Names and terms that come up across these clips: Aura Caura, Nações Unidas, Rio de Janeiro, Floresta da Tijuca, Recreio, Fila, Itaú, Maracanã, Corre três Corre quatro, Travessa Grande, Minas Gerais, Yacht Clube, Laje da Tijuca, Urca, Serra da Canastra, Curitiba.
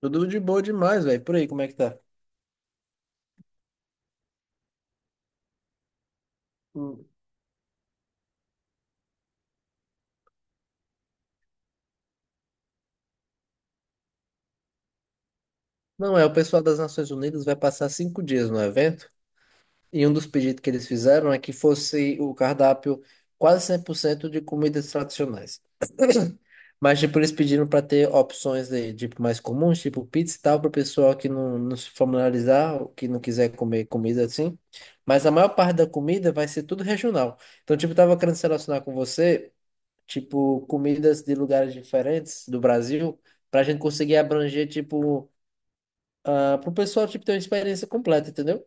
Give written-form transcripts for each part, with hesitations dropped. Tudo de boa demais, velho. Por aí, como é que tá? Hum. Não, é, o pessoal das Nações Unidas vai passar 5 dias no evento e um dos pedidos que eles fizeram é que fosse o cardápio quase 100% de comidas tradicionais. Mas, tipo, eles pediram para ter opções de, tipo, mais comuns, tipo pizza e tal, para o pessoal que não se familiarizar, que não quiser comer comida assim. Mas a maior parte da comida vai ser tudo regional. Então, tipo, eu tava querendo se relacionar com você. Tipo, comidas de lugares diferentes do Brasil, para a gente conseguir abranger, tipo, para o pessoal, tipo, ter uma experiência completa, entendeu?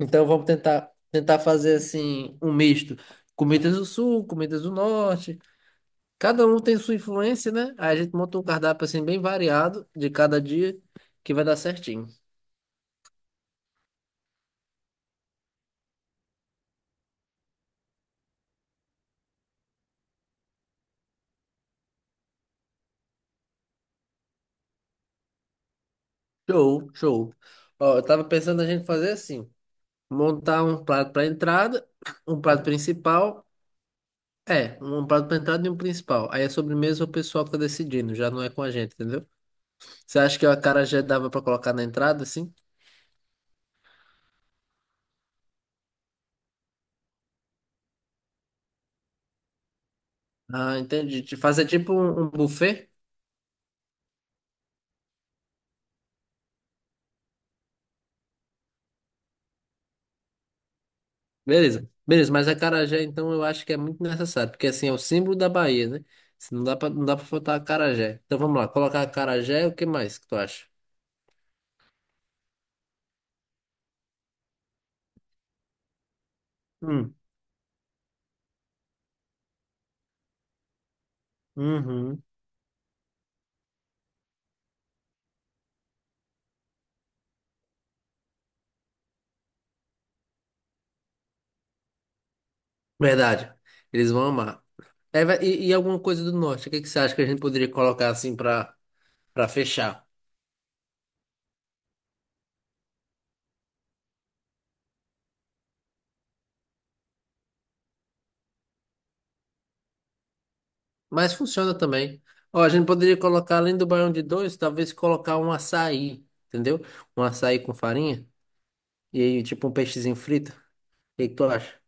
Então, vamos tentar fazer, assim, um misto. Comidas do Sul, comidas do Norte. Cada um tem sua influência, né? Aí a gente monta um cardápio, assim, bem variado de cada dia, que vai dar certinho. Show, show. Ó, eu tava pensando a gente fazer assim, montar um prato para entrada, um prato principal. É, um prato pra entrada e um principal. Aí a sobremesa é o pessoal que tá decidindo, já não é com a gente, entendeu? Você acha que o acarajé dava pra colocar na entrada, assim? Ah, entendi. De fazer tipo um buffet? Beleza. Beleza, mas acarajé, então, eu acho que é muito necessário, porque assim, é o símbolo da Bahia, né? Se Não dá pra faltar acarajé. Então vamos lá, colocar acarajé, o que mais que tu acha? Hum, uhum. Verdade. Eles vão amar. E alguma coisa do norte, o que que você acha que a gente poderia colocar assim pra, pra fechar? Mas funciona também. Ó, a gente poderia colocar, além do baião de dois, talvez colocar um açaí, entendeu? Um açaí com farinha e aí, tipo um peixezinho frito. O que que tu acha?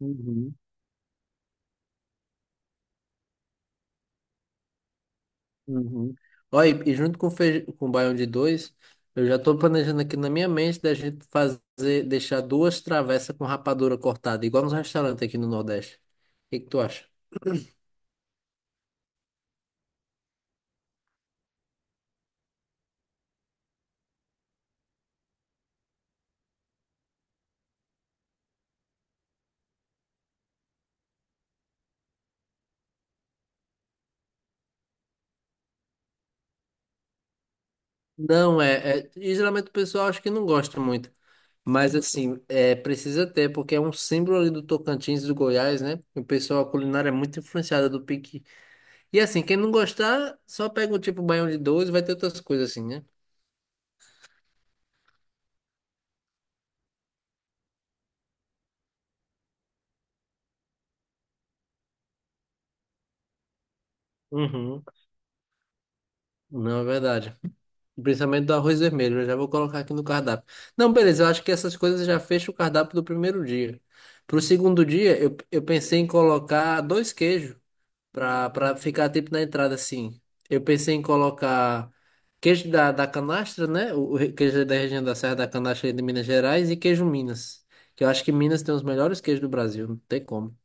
Uhum, uhum. Ó, e junto com, com o baião de dois, eu já tô planejando aqui na minha mente da gente fazer, deixar duas travessas com rapadura cortada, igual nos restaurantes aqui no Nordeste. O que que tu acha? Não, é, é. E Geralmente o pessoal acho que não gosta muito. Mas assim, é, precisa ter, porque é um símbolo ali do Tocantins, do Goiás, né? O pessoal, a culinária é muito influenciada do piqui. E assim, quem não gostar, só pega o tipo baião de dois e vai ter outras coisas assim, né? Uhum. Não, é verdade. Principalmente do arroz vermelho, eu já vou colocar aqui no cardápio. Não, beleza, eu acho que essas coisas já fecham o cardápio do primeiro dia. Pro segundo dia, eu pensei em colocar dois queijos. Pra, pra ficar tipo na entrada assim. Eu pensei em colocar queijo da canastra, né? O queijo da região da Serra da Canastra de Minas Gerais e queijo Minas. Que eu acho que Minas tem os melhores queijos do Brasil, não tem como.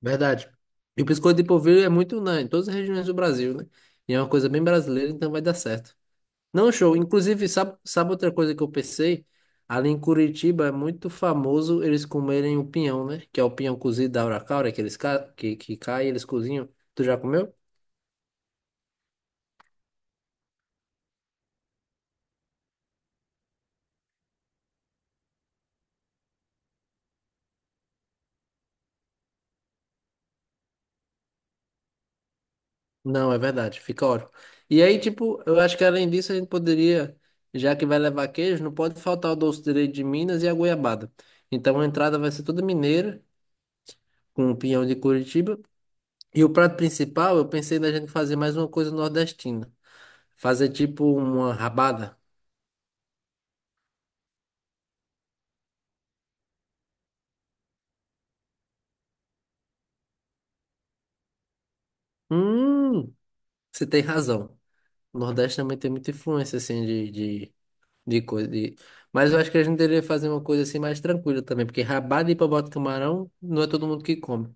Verdade. E o biscoito de polvilho é muito unânime em todas as regiões do Brasil, né? E é uma coisa bem brasileira, então vai dar certo. Não, show. Inclusive, sabe, sabe outra coisa que eu pensei? Ali em Curitiba é muito famoso eles comerem o pinhão, né? Que é o pinhão cozido da Aura Caura, que eles que cai, eles cozinham. Tu já comeu? Não, é verdade, fica ótimo. E aí, tipo, eu acho que além disso a gente poderia, já que vai levar queijo, não pode faltar o doce de leite de Minas e a goiabada. Então a entrada vai ser toda mineira, com o pinhão de Curitiba. E o prato principal, eu pensei da gente fazer mais uma coisa nordestina. Fazer tipo uma rabada. Hum, você tem razão. O Nordeste também tem muita influência, assim, de, De coisa de... Mas eu acho que a gente deveria fazer uma coisa assim mais tranquila também, porque rabada e papote de camarão não é todo mundo que come. O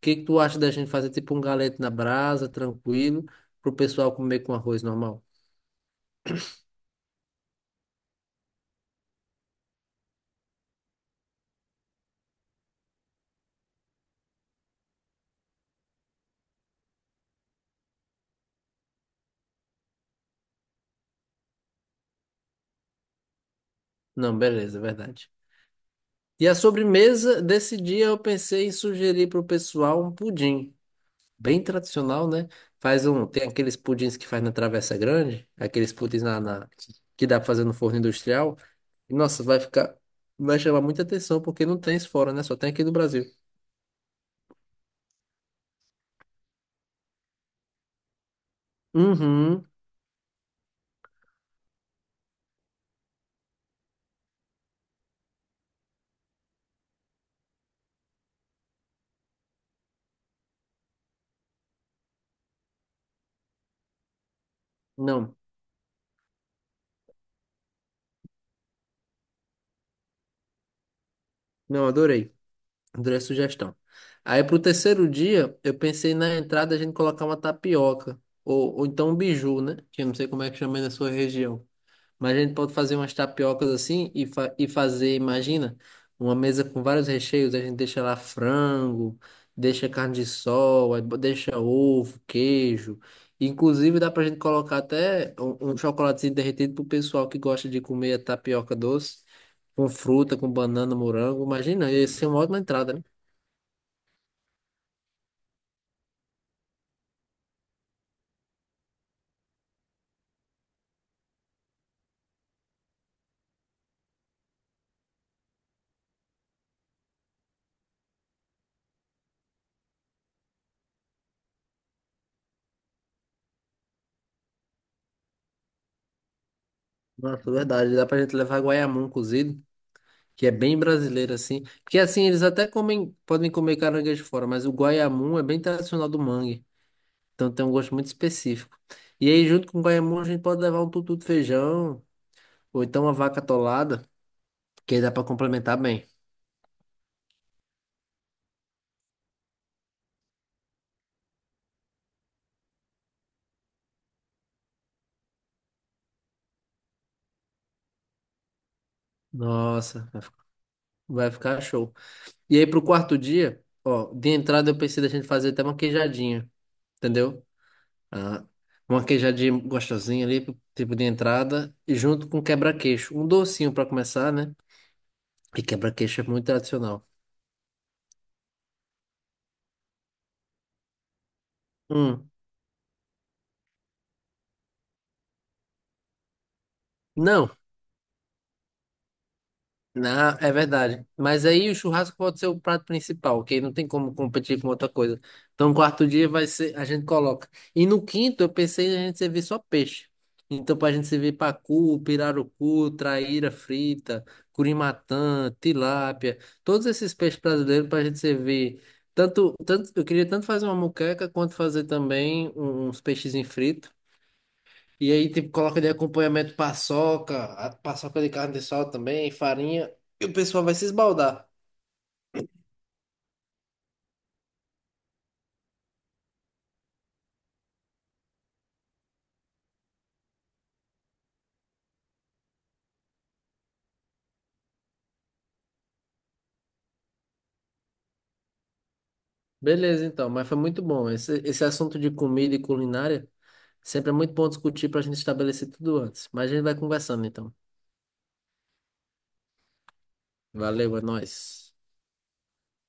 que que tu acha da gente fazer tipo um galeto na brasa, tranquilo, pro pessoal comer com arroz normal? Não, beleza, é verdade. E a sobremesa desse dia eu pensei em sugerir pro pessoal um pudim. Bem tradicional, né? Faz um, tem aqueles pudins que faz na Travessa Grande, aqueles pudins na que dá pra fazer no forno industrial. E, nossa, vai ficar, vai chamar muita atenção porque não tem isso fora, né? Só tem aqui no Brasil. Uhum. Não, não, adorei. Adorei a sugestão. Aí pro terceiro dia, eu pensei na entrada a gente colocar uma tapioca ou então um biju, né? Que eu não sei como é que chama aí na sua região. Mas a gente pode fazer umas tapiocas assim e, fa e fazer, imagina, uma mesa com vários recheios. A gente deixa lá frango, deixa carne de sol, deixa ovo, queijo. Inclusive dá pra gente colocar até um chocolatezinho derretido pro pessoal que gosta de comer a tapioca doce, com fruta, com banana, morango. Imagina, ia ser uma ótima entrada, né? Nossa, verdade. Dá pra gente levar guaiamum cozido. Que é bem brasileiro assim. Porque assim, eles até comem, podem comer caranguejo fora, mas o guaiamum é bem tradicional do mangue. Então tem um gosto muito específico. E aí, junto com o guaiamum, a gente pode levar um tutu de feijão, ou então uma vaca atolada, que aí dá pra complementar bem. Nossa, vai ficar show. E aí, pro quarto dia, ó, de entrada eu pensei da gente fazer até uma queijadinha, entendeu? Ah, uma queijadinha gostosinha ali, tipo de entrada, e junto com quebra-queixo. Um docinho pra começar, né? E quebra-queixo é muito tradicional. Hum. Não, na- É verdade. Mas aí o churrasco pode ser o prato principal, ok? Não tem como competir com outra coisa. Então, no quarto dia vai ser, a gente coloca. E no quinto, eu pensei em a gente servir só peixe. Então, pra gente servir pacu, pirarucu, traíra frita, curimatã, tilápia, todos esses peixes brasileiros pra gente servir. Tanto eu queria tanto fazer uma moqueca quanto fazer também uns peixes fritos. E aí, tipo, coloca de acompanhamento paçoca, a paçoca de carne de sol também, farinha, e o pessoal vai se esbaldar. Beleza, então, mas foi muito bom. Esse assunto de comida e culinária sempre é muito bom discutir para a gente estabelecer tudo antes. Mas a gente vai conversando, então. Valeu, é nóis.